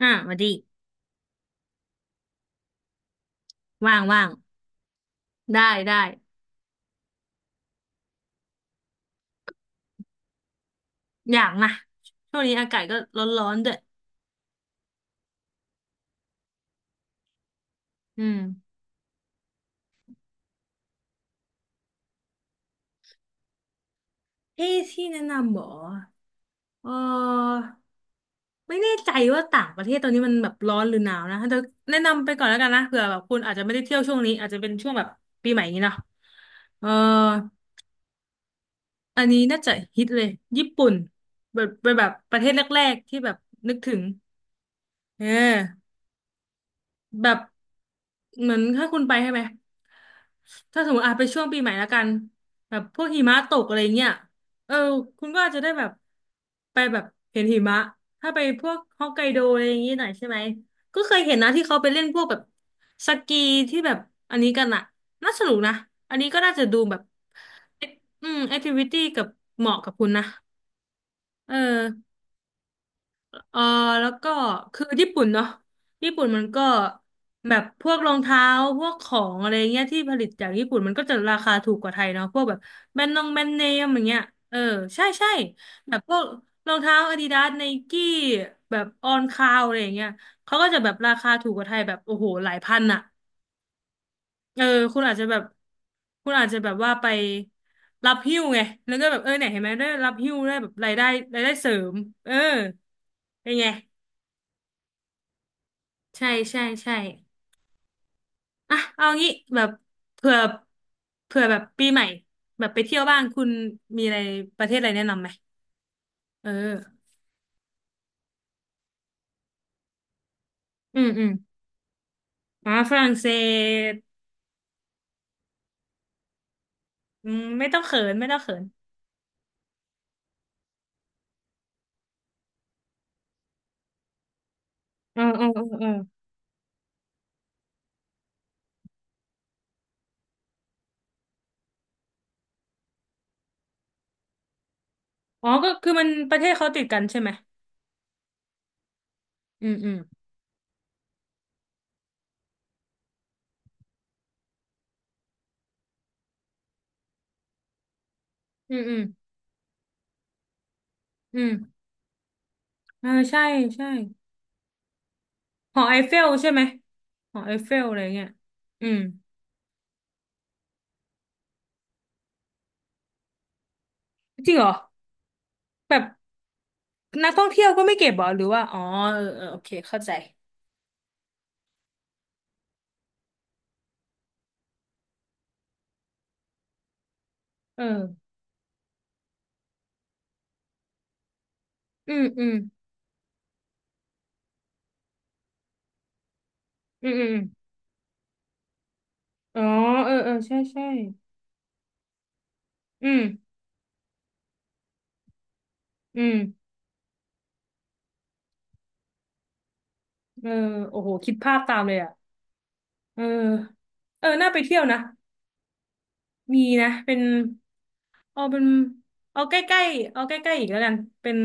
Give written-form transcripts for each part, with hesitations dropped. อ่ะมาดิว่างว่างได้ได้อยากนะช่วงนี้อากาศก็ร้อนร้อนด้วยอืมเอ๊ะที่แนะนำเหรอเออไม่แน่ใจว่าต่างประเทศตอนนี้มันแบบร้อนหรือหนาวนะแต่แนะนำไปก่อนแล้วกันนะเผื่อแบบคุณอาจจะไม่ได้เที่ยวช่วงนี้อาจจะเป็นช่วงแบบปีใหม่อย่างนี้เนาะเอออันนี้น่าจะฮิตเลยญี่ปุ่นแบบเป็นแบบประเทศแรกๆที่แบบนึกถึงเออ แบบเหมือนถ้าคุณไปใช่ไหมถ้าสมมติอาไปช่วงปีใหม่แล้วกันแบบพวกหิมะตกอะไรเงี้ยเออคุณก็อาจจะได้แบบไปแบบเห็นหิมะถ้าไปพวกฮอกไกโดอะไรอย่างงี้หน่อยใช่ไหมก็เคยเห็นนะที่เขาไปเล่นพวกแบบสกีที่แบบอันนี้กันอะน่าสนุกนะอันนี้ก็น่าจะดูแบบอืมแอคทิวิตี้กับเหมาะกับคุณนะเออ เออแล้วก็คือญี่ปุ่นเนาะญี่ปุ่นมันก็แบบพวกรองเท้าพวกของอะไรเงี้ยที่ผลิตจากญี่ปุ่นมันก็จะราคาถูกกว่าไทยเนาะพวกแบบแบรนด์นงแบรนด์เนมอย่างเงี้ยเออใช่ใช่แบบพวกรองเท้าอาดิดาสไนกี้แบบออนคาวอะไรอย่างเงี้ยเขาก็จะแบบราคาถูกกว่าไทยแบบโอ้โหหลายพันอะเออคุณอาจจะแบบคุณอาจจะแบบว่าไปรับหิ้วไงแล้วก็แบบเออเนี่ยเห็นไหมได้รับหิ้วได้แบบรายได้รายได้เสริมเออเป็นไง ใช่ใช่ใช่อ่ะเอางี้แบบเผื่อเผื่อแบบปีใหม่แบบไปเที่ยวบ้างคุณมีอะไรประเทศอะไรแนะนำไหมเอออืมอืมอ่าฝรั่งเศสอืมไม่ต้องเขินไม่ต้องเขินเออเออเออเอออ๋อก็คือมันประเทศเขาติดกันใช่ไหมอืมอืมอืมอืมอืมเออใช่ใช่หอไอเฟลใช่ไหมหอไอเฟลอะไรเงี้ยอืมจริงเหรอแบบนักท่องเที่ยวก็ไม่เก็บเหรอหรือว่าอ๋อเออเออโอเคเข้าใจเอออืมอืม อืมอืมอ๋อเออเออใช่ใช่อืมอืมเออโอ้โหคิดภาพตามเลยอ่ะเออเออน่าไปเที่ยวนะมีนะเป็นเอาเป็นเอาใกล้ๆเอาใกล้ๆอีกแล้วกันเป็น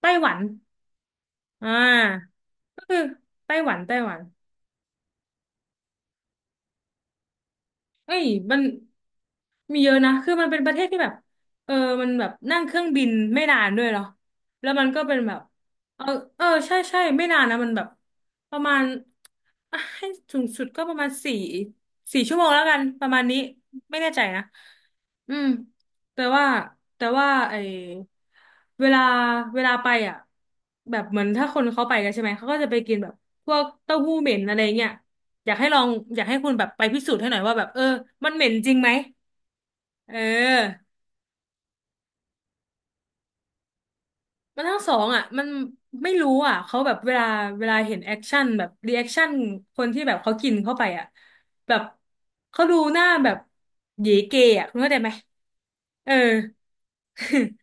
ไต้หวันอ่าก็คือไต้หวันไต้หวัน เอ้ยมันมีเยอะนะคือมันเป็นประเทศที่แบบเออมันแบบนั่งเครื่องบินไม่นานด้วยเหรอแล้วมันก็เป็นแบบเออเออใช่ใช่ไม่นานนะมันแบบประมาณอ่ะให้สูงสุดก็ประมาณสี่สี่ชั่วโมงแล้วกันประมาณนี้ไม่แน่ใจนะอืมแต่ว่าแต่ว่าไอเวลาเวลาไปอ่ะแบบเหมือนถ้าคนเขาไปกันใช่ไหมเขาก็จะไปกินแบบพวกเต้าหู้เหม็นอะไรเงี้ย อยากให้ลองอยากให้คุณแบบไปพิสูจน์ให้หน่อยว่าแบบเออมันเหม็นจริงไหมเออมันทั้งสองอ่ะมันไม่รู้อ่ะเขาแบบเวลาเห็นแอคชั่นแบบรีแอคชั่นคนที่แบบเขากินเข้าไปอ่ะแบบเขาดูหน้าแบบเหยเกอ่ะคุณเข้าใจไหมเออ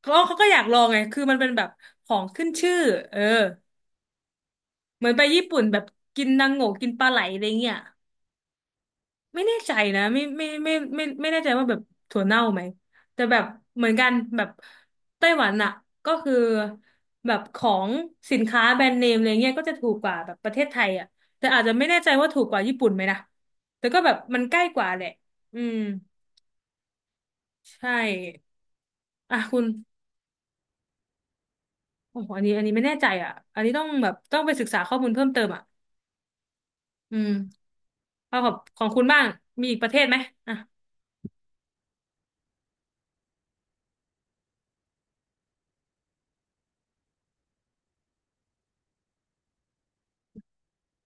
เขาก็อยากลองไงคือมันเป็นแบบของขึ้นชื่อเออเหมือนไปญี่ปุ่นแบบกินนางโงกินปลาไหลอะไรเงี้ย ไม่แน่ใจนะไม่แน่ใจว่าแบบถั่วเน่าไหมแต่แบบเหมือนกันแบบไต้หวันอะก็คือแบบของสินค้าแบรนด์เนมอะไรเงี้ยก็จะถูกกว่าแบบประเทศไทยอะแต่อาจจะไม่แน่ใจว่าถูกกว่าญี่ปุ่นไหมนะแต่ก็แบบมันใกล้กว่าแหละอืมใช่อ่ะคุณโอ้โหอันนี้ไม่แน่ใจอ่ะอันนี้ต้องแบบต้องไปศึกษาข้อมูลเพิ่มเติมอ่ะอืมเอาของคุณบ้างมีอีกประเทศไหมอ่ะ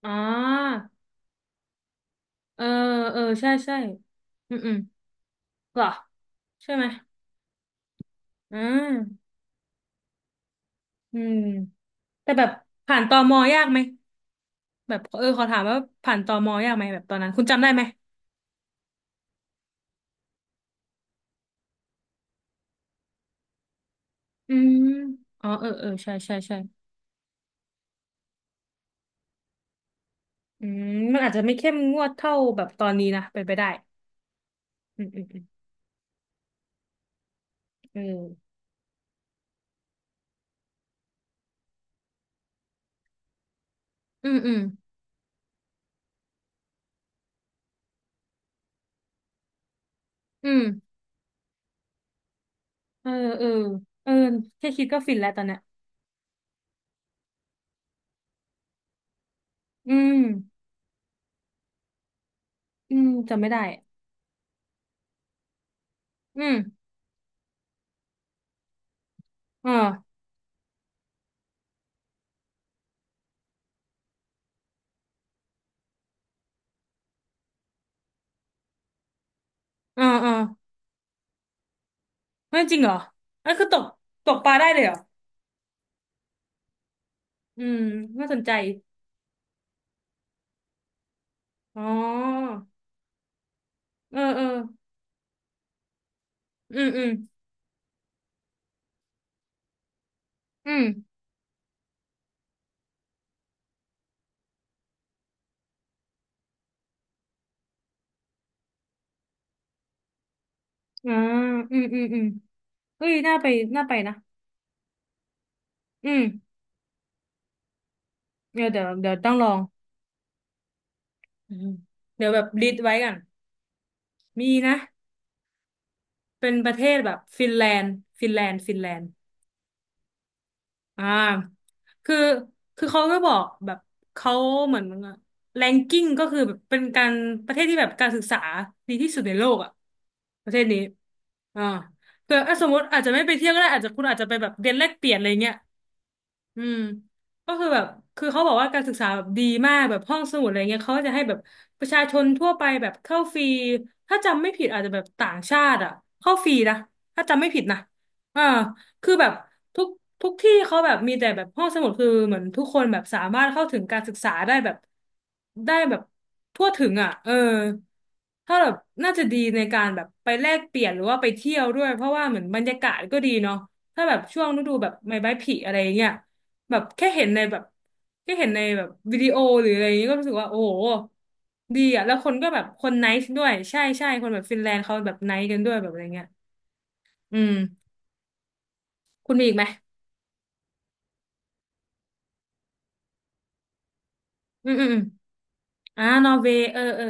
อ๋อเออเออใช่ใช่อืมอืม เหรอใช่ไหมอืมอืมแต่แบบผ่านตมยากไหมแบบเออขอถามว่าผ่านตมยากไหมแบบตอนนั้นคุณจำได้ไหมอืมอ๋อเออเออใช่ใช่ใช่อืมมันอาจจะไม่เข้มงวดเท่าแบบตอนนี้นะเป็นไปได้อืมอืมอืมเอออืมอืมอืมเออเออเออแค่คิดก็ฟินแล้วตอนเนี้ยอืมอืมจำไม่ได้อืมอ่าอ่าอ่าไม่จริงเหรออันคือตกตกปลาได้เลยเหรออืมน่าสนใจอ๋อ เออเอออืมอืมอืมอ่าอืมอืมอืมเฮ้ยน่าไปน่าไปนะอืมเดี๋ยวเดี๋ยวเดี๋ยวต้องลองอืมเดี๋ยวแบบลิสต์ไว้ก่อนมีนะเป็นประเทศแบบฟินแลนด์ฟินแลนด์ฟินแลนด์อ่าคือ คือเขาก็บอกแบบเขาเหมือนแรงกิ้งก็คือแบบเป็นการประเทศที่แบบการศึกษาดีที่สุดในโลกอ่ะประเทศนี้อ่าเผื่ออ่ะสมมติอาจจะไม่ไปเที่ยวก็ได้อาจจะคุณอาจจะไปแบบเรียนแลกเปลี่ยนอะไรเงี้ย อืมก็คือแบบคือเขาบอกว่าการศึกษาแบบดีมากแบบห้องสมุดอะไรเงี้ยเขาก็จะให้แบบประชาชนทั่วไปแบบเข้าฟรีถ้าจำไม่ผิดอาจจะแบบต่างชาติอ่ะเข้าฟรีนะถ้าจำไม่ผิดนะอ่าคือแบบทุกทุกที่เขาแบบมีแต่แบบห้องสมุดคือเหมือนทุกคนแบบสามารถเข้าถึงการศึกษาได้แบบได้แบบทั่วถึงอ่ะเออถ้าแบบน่าจะดีในการแบบไปแลกเปลี่ยนหรือว่าไปเที่ยวด้วยเพราะว่าเหมือนบรรยากาศก็ดีเนาะถ้าแบบช่วงฤดูแบบใบไม้ผลิอะไรเงี้ย แบบแค่เห็นในแบบแค่เห็นในแบบวิดีโอหรืออะไรอย่างนี้ก็รู้สึกว่าโอ้โหดีอ่ะแล้วคนก็แบบคนไนซ์ด้วยใช่ใช่คนแบบฟินแลนด์เขาแบบไนซ์กันด้วยแบบอะไรเงี้ยอืมคุณมีอีกไหมอืมอืมอมอ่านอร์เวย์เออเออ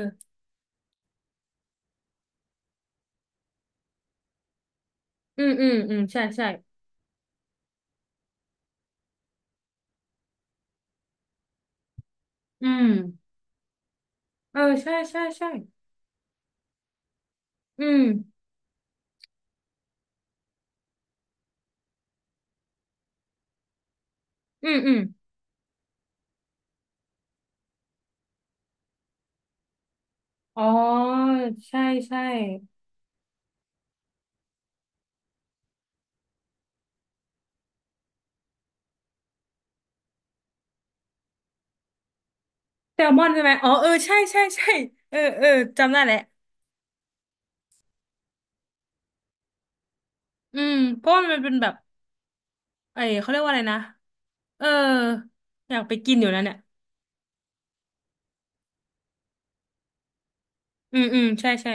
อืมอืมอืมใช่ใช่อืมเออใช่ใช่ใช่อืมอืมอืมอ๋อใช่ใช่แซลมอนใช่ไหมอ๋อเออใช่ใช่ใช่เออเออจำได้แหละอืมเพราะว่ามันเป็นแบบไอ้เขาเรียกว่าอะไรนะเอออยากไปกินอยู่นะเนี่ย อืมอืมใช่ใช่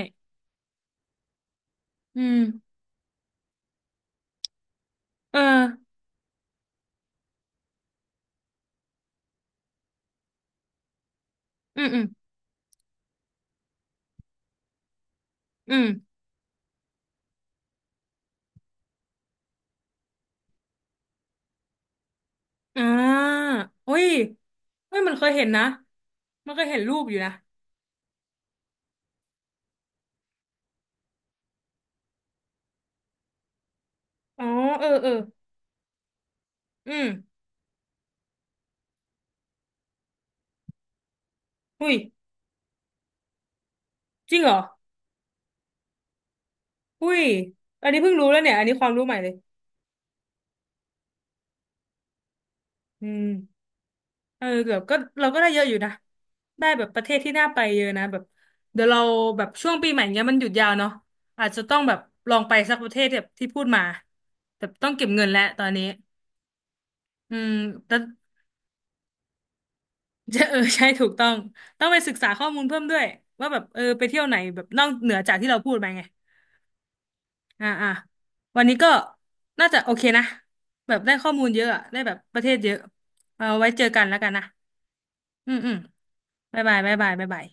อืมเอออืมอืมอืมอ่าอุ้ยเฮ้ยมันเคยเห็นนะมันเคยเห็นรูปอยู่นะอ๋อเออเอออืมอุ้ยจริงเหรออุ้ยอันนี้เพิ่งรู้แล้วเนี่ย อันนี้ความรู้ใหม่เลยอืมเออเกือบก็เราก็ได้เยอะอยู่นะ ได้แบบประเทศที่น่าไปเยอะนะแบบเดี๋ยวเราแบบช่วงปีใหม่เนี้ยมันหยุดยาวเนาะอาจจะต้องแบบลองไปสักประเทศแบบที่พูดมาแต่ต้องเก็บเงินแล้วตอนนี้อืมแต่ จะเออใช่ถูกต้องต้องไปศึกษาข้อมูลเพิ่มด้วยว่าแบบเออไปเที่ยวไหนแบบนอกเหนือจากที่เราพูดไปไงอ่าอ่าวันนี้ก็น่าจะโอเคนะแบบได้ข้อมูลเยอะอะได้แบบประเทศเยอะเอาไว้เจอกันแล้วกันนะอืมอืมบ๊ายบายบ๊ายบายบ๊ายบาย